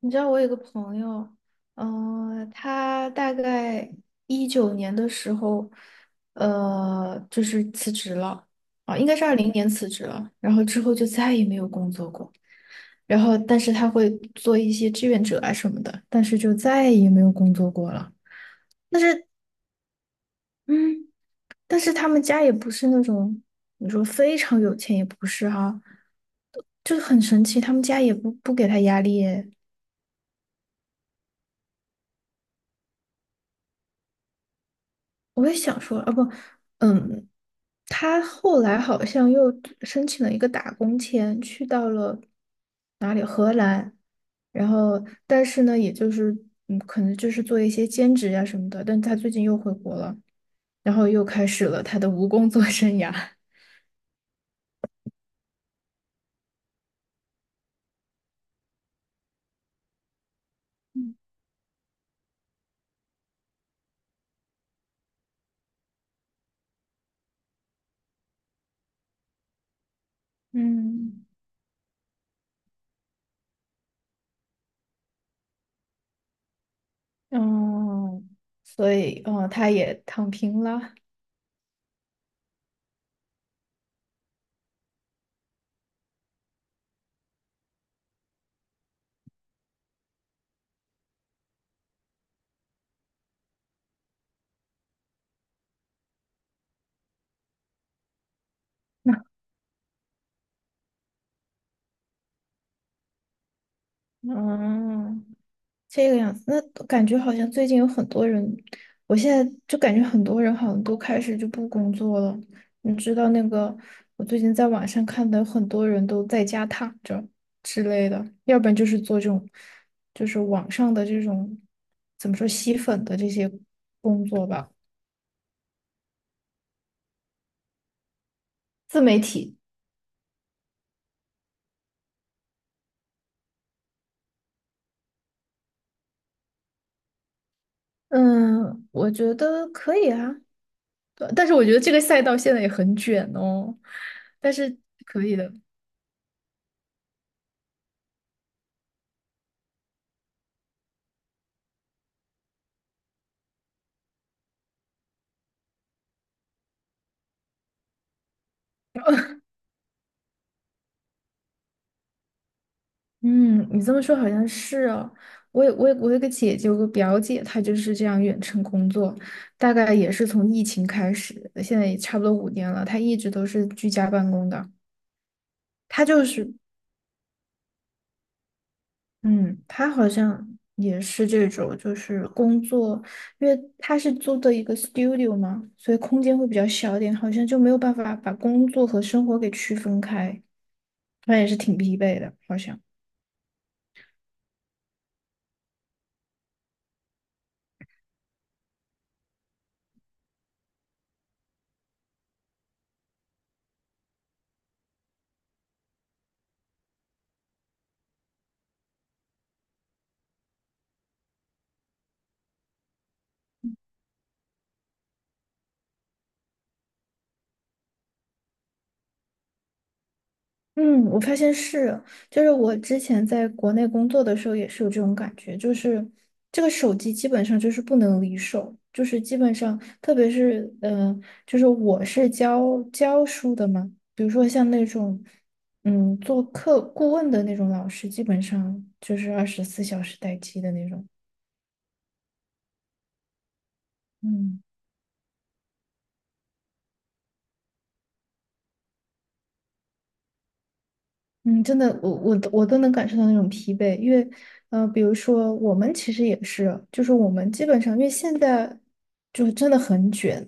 你知道我有个朋友，他大概19年的时候，就是辞职了。啊，应该是20年辞职了，然后之后就再也没有工作过。然后但是他会做一些志愿者啊什么的，但是就再也没有工作过了。嗯。但是他们家也不是那种，你说非常有钱也不是哈、就很神奇，他们家也不给他压力耶。我也想说，啊不，嗯，他后来好像又申请了一个打工签，去到了哪里荷兰，然后但是呢，也就是可能就是做一些兼职呀、什么的，但他最近又回国了，然后又开始了他的无工作生涯。嗯。嗯，哦，所以，哦，他也躺平了。嗯，这个样子。那感觉好像最近有很多人，我现在就感觉很多人好像都开始就不工作了。你知道那个，我最近在网上看的，很多人都在家躺着之类的，要不然就是做这种，就是网上的这种，怎么说吸粉的这些工作吧。自媒体。嗯，我觉得可以啊。对，但是我觉得这个赛道现在也很卷哦，但是。可以的。嗯，你这么说好像是哦。我有个姐姐，有个表姐，她就是这样远程工作，大概也是从疫情开始，现在也差不多5年了。她一直都是居家办公的。她就是，嗯，她好像也是这种，就是工作，因为她是租的一个 studio 嘛，所以空间会比较小一点，好像就没有办法把工作和生活给区分开。她也是挺疲惫的，好像。嗯，我发现是，就是我之前在国内工作的时候也是有这种感觉，就是这个手机基本上就是不能离手，就是基本上，特别是就是我是教书的嘛，比如说像那种做课顾问的那种老师，基本上就是24小时待机的那种。嗯。嗯，真的，我都能感受到那种疲惫，因为，比如说我们其实也是，就是我们基本上，因为现在就是真的很卷，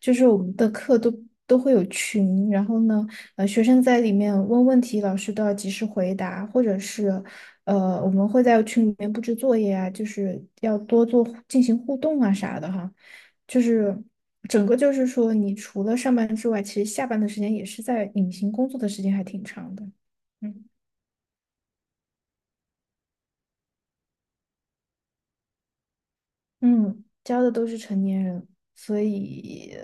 就是我们的课都会有群，然后呢，学生在里面问问题，老师都要及时回答，或者是，我们会在群里面布置作业啊，就是要多做进行互动啊啥的哈，就是整个就是说，你除了上班之外，其实下班的时间也是在隐形工作的时间还挺长的。嗯。嗯，教的都是成年人，所以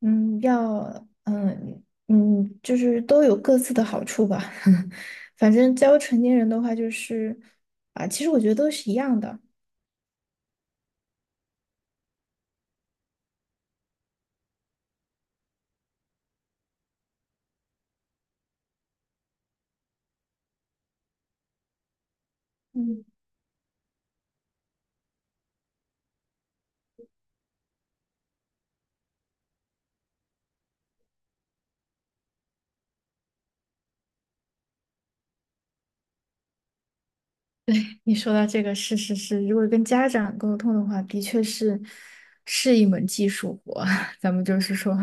嗯，要嗯嗯，就是都有各自的好处吧。反正教成年人的话，就是啊，其实我觉得都是一样的。嗯。对，你说到这个是是是，如果跟家长沟通的话，的确是一门技术活。咱们就是说，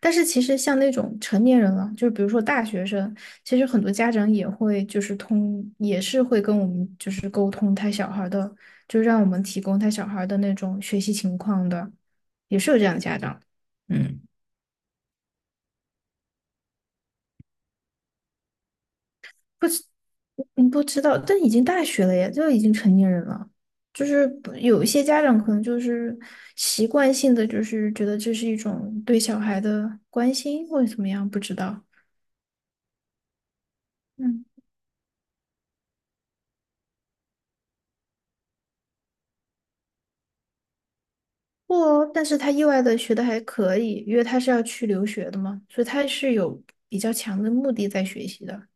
但是其实像那种成年人了，就是比如说大学生，其实很多家长也会就是通，也是会跟我们就是沟通他小孩儿的，就让我们提供他小孩儿的那种学习情况的，也是有这样的家长。嗯。嗯，不知道，但已经大学了呀，就已经成年人了。就是不有一些家长可能就是习惯性的，就是觉得这是一种对小孩的关心或者怎么样，不知道。嗯，不哦，但是他意外的学的还可以，因为他是要去留学的嘛，所以他是有比较强的目的在学习的。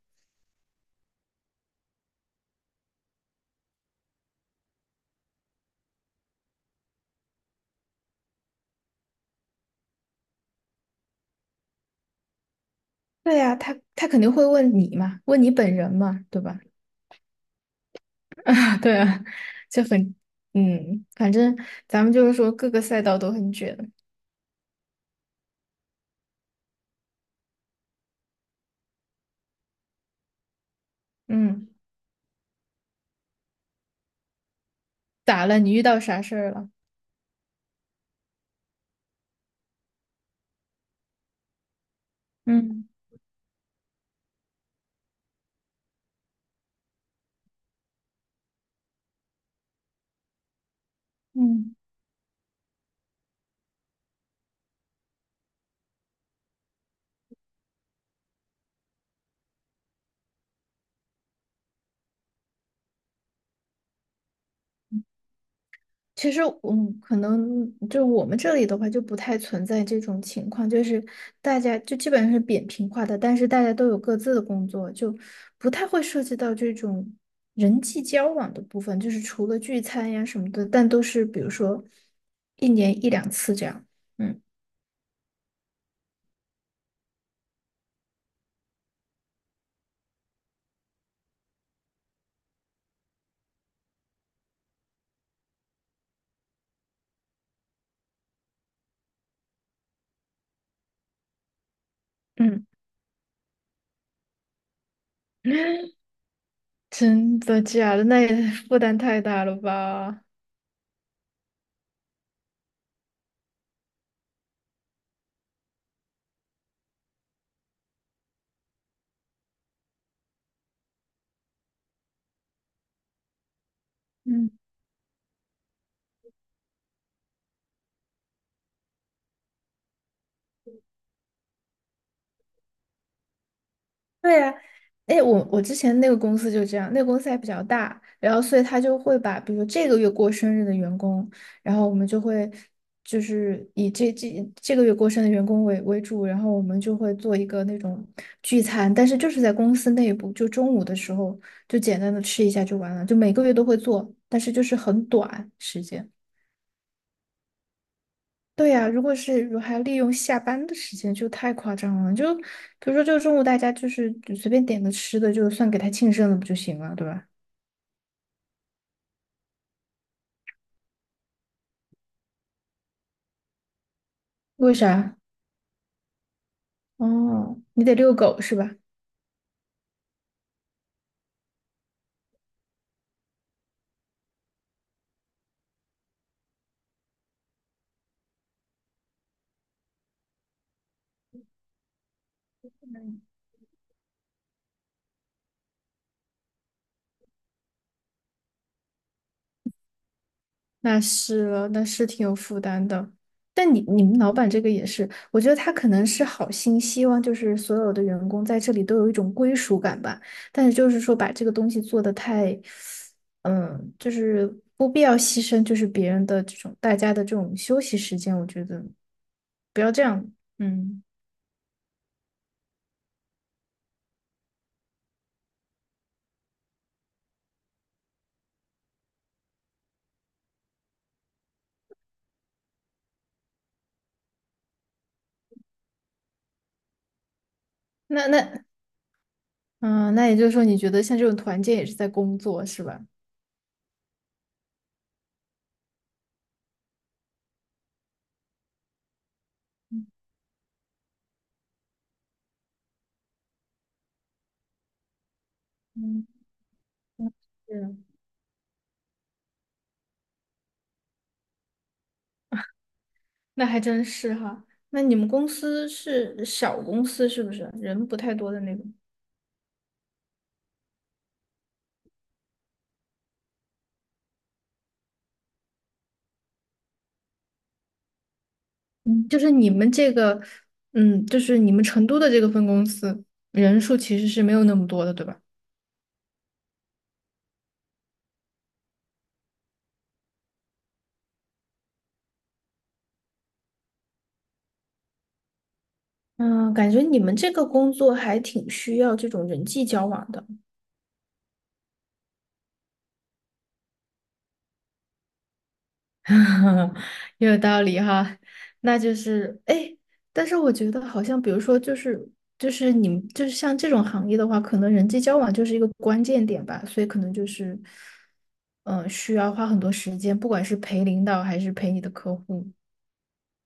对呀，他肯定会问你嘛，问你本人嘛，对吧？对啊，就很，嗯，反正咱们就是说各个赛道都很卷。嗯。咋了？你遇到啥事儿了？嗯嗯，其实我可能就我们这里的话，就不太存在这种情况，就是大家就基本上是扁平化的，但是大家都有各自的工作，就不太会涉及到这种人际交往的部分，就是除了聚餐呀什么的，但都是比如说一年一两次这样。嗯。嗯。 真的假的？那也负担太大了吧？嗯。对呀，哎，我之前那个公司就这样。那个公司还比较大，然后所以他就会把，比如这个月过生日的员工，然后我们就会就是以这个月过生日的员工为主，然后我们就会做一个那种聚餐，但是就是在公司内部，就中午的时候就简单的吃一下就完了，就每个月都会做，但是就是很短时间。对呀，如果是如还利用下班的时间，就太夸张了。就比如说，就中午大家就是就随便点个吃的，就算给他庆生了，不就行了，对吧？为啥？哦，你得遛狗是吧？那是了，那是挺有负担的。但你们老板这个也是，我觉得他可能是好心，希望就是所有的员工在这里都有一种归属感吧。但是就是说把这个东西做得太，就是不必要牺牲，就是别人的这种大家的这种休息时间，我觉得不要这样。嗯。那那嗯，那也就是说，你觉得像这种团建也是在工作是吧？嗯。嗯，是。那还真是哈。那你们公司是小公司是不是？人不太多的那种。嗯，就是你们这个，就是你们成都的这个分公司，人数其实是没有那么多的，对吧？嗯，感觉你们这个工作还挺需要这种人际交往的。有道理哈。那就是哎，诶但是我觉得好像，比如说，就是你们就是像这种行业的话，可能人际交往就是一个关键点吧，所以可能就是，嗯、需要花很多时间，不管是陪领导还是陪你的客户，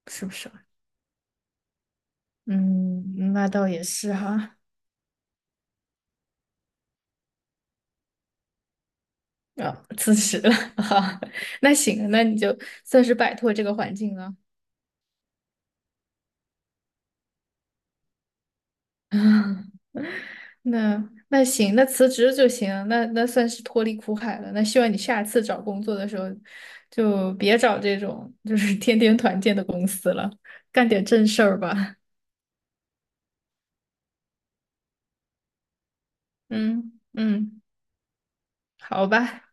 是不是啊。嗯，那倒也是哈。啊、辞职了。哈，那行，那你就算是摆脱这个环境了。那那行，那辞职就行，那算是脱离苦海了。那希望你下次找工作的时候，就别找这种就是天天团建的公司了，干点正事儿吧。嗯嗯，好吧。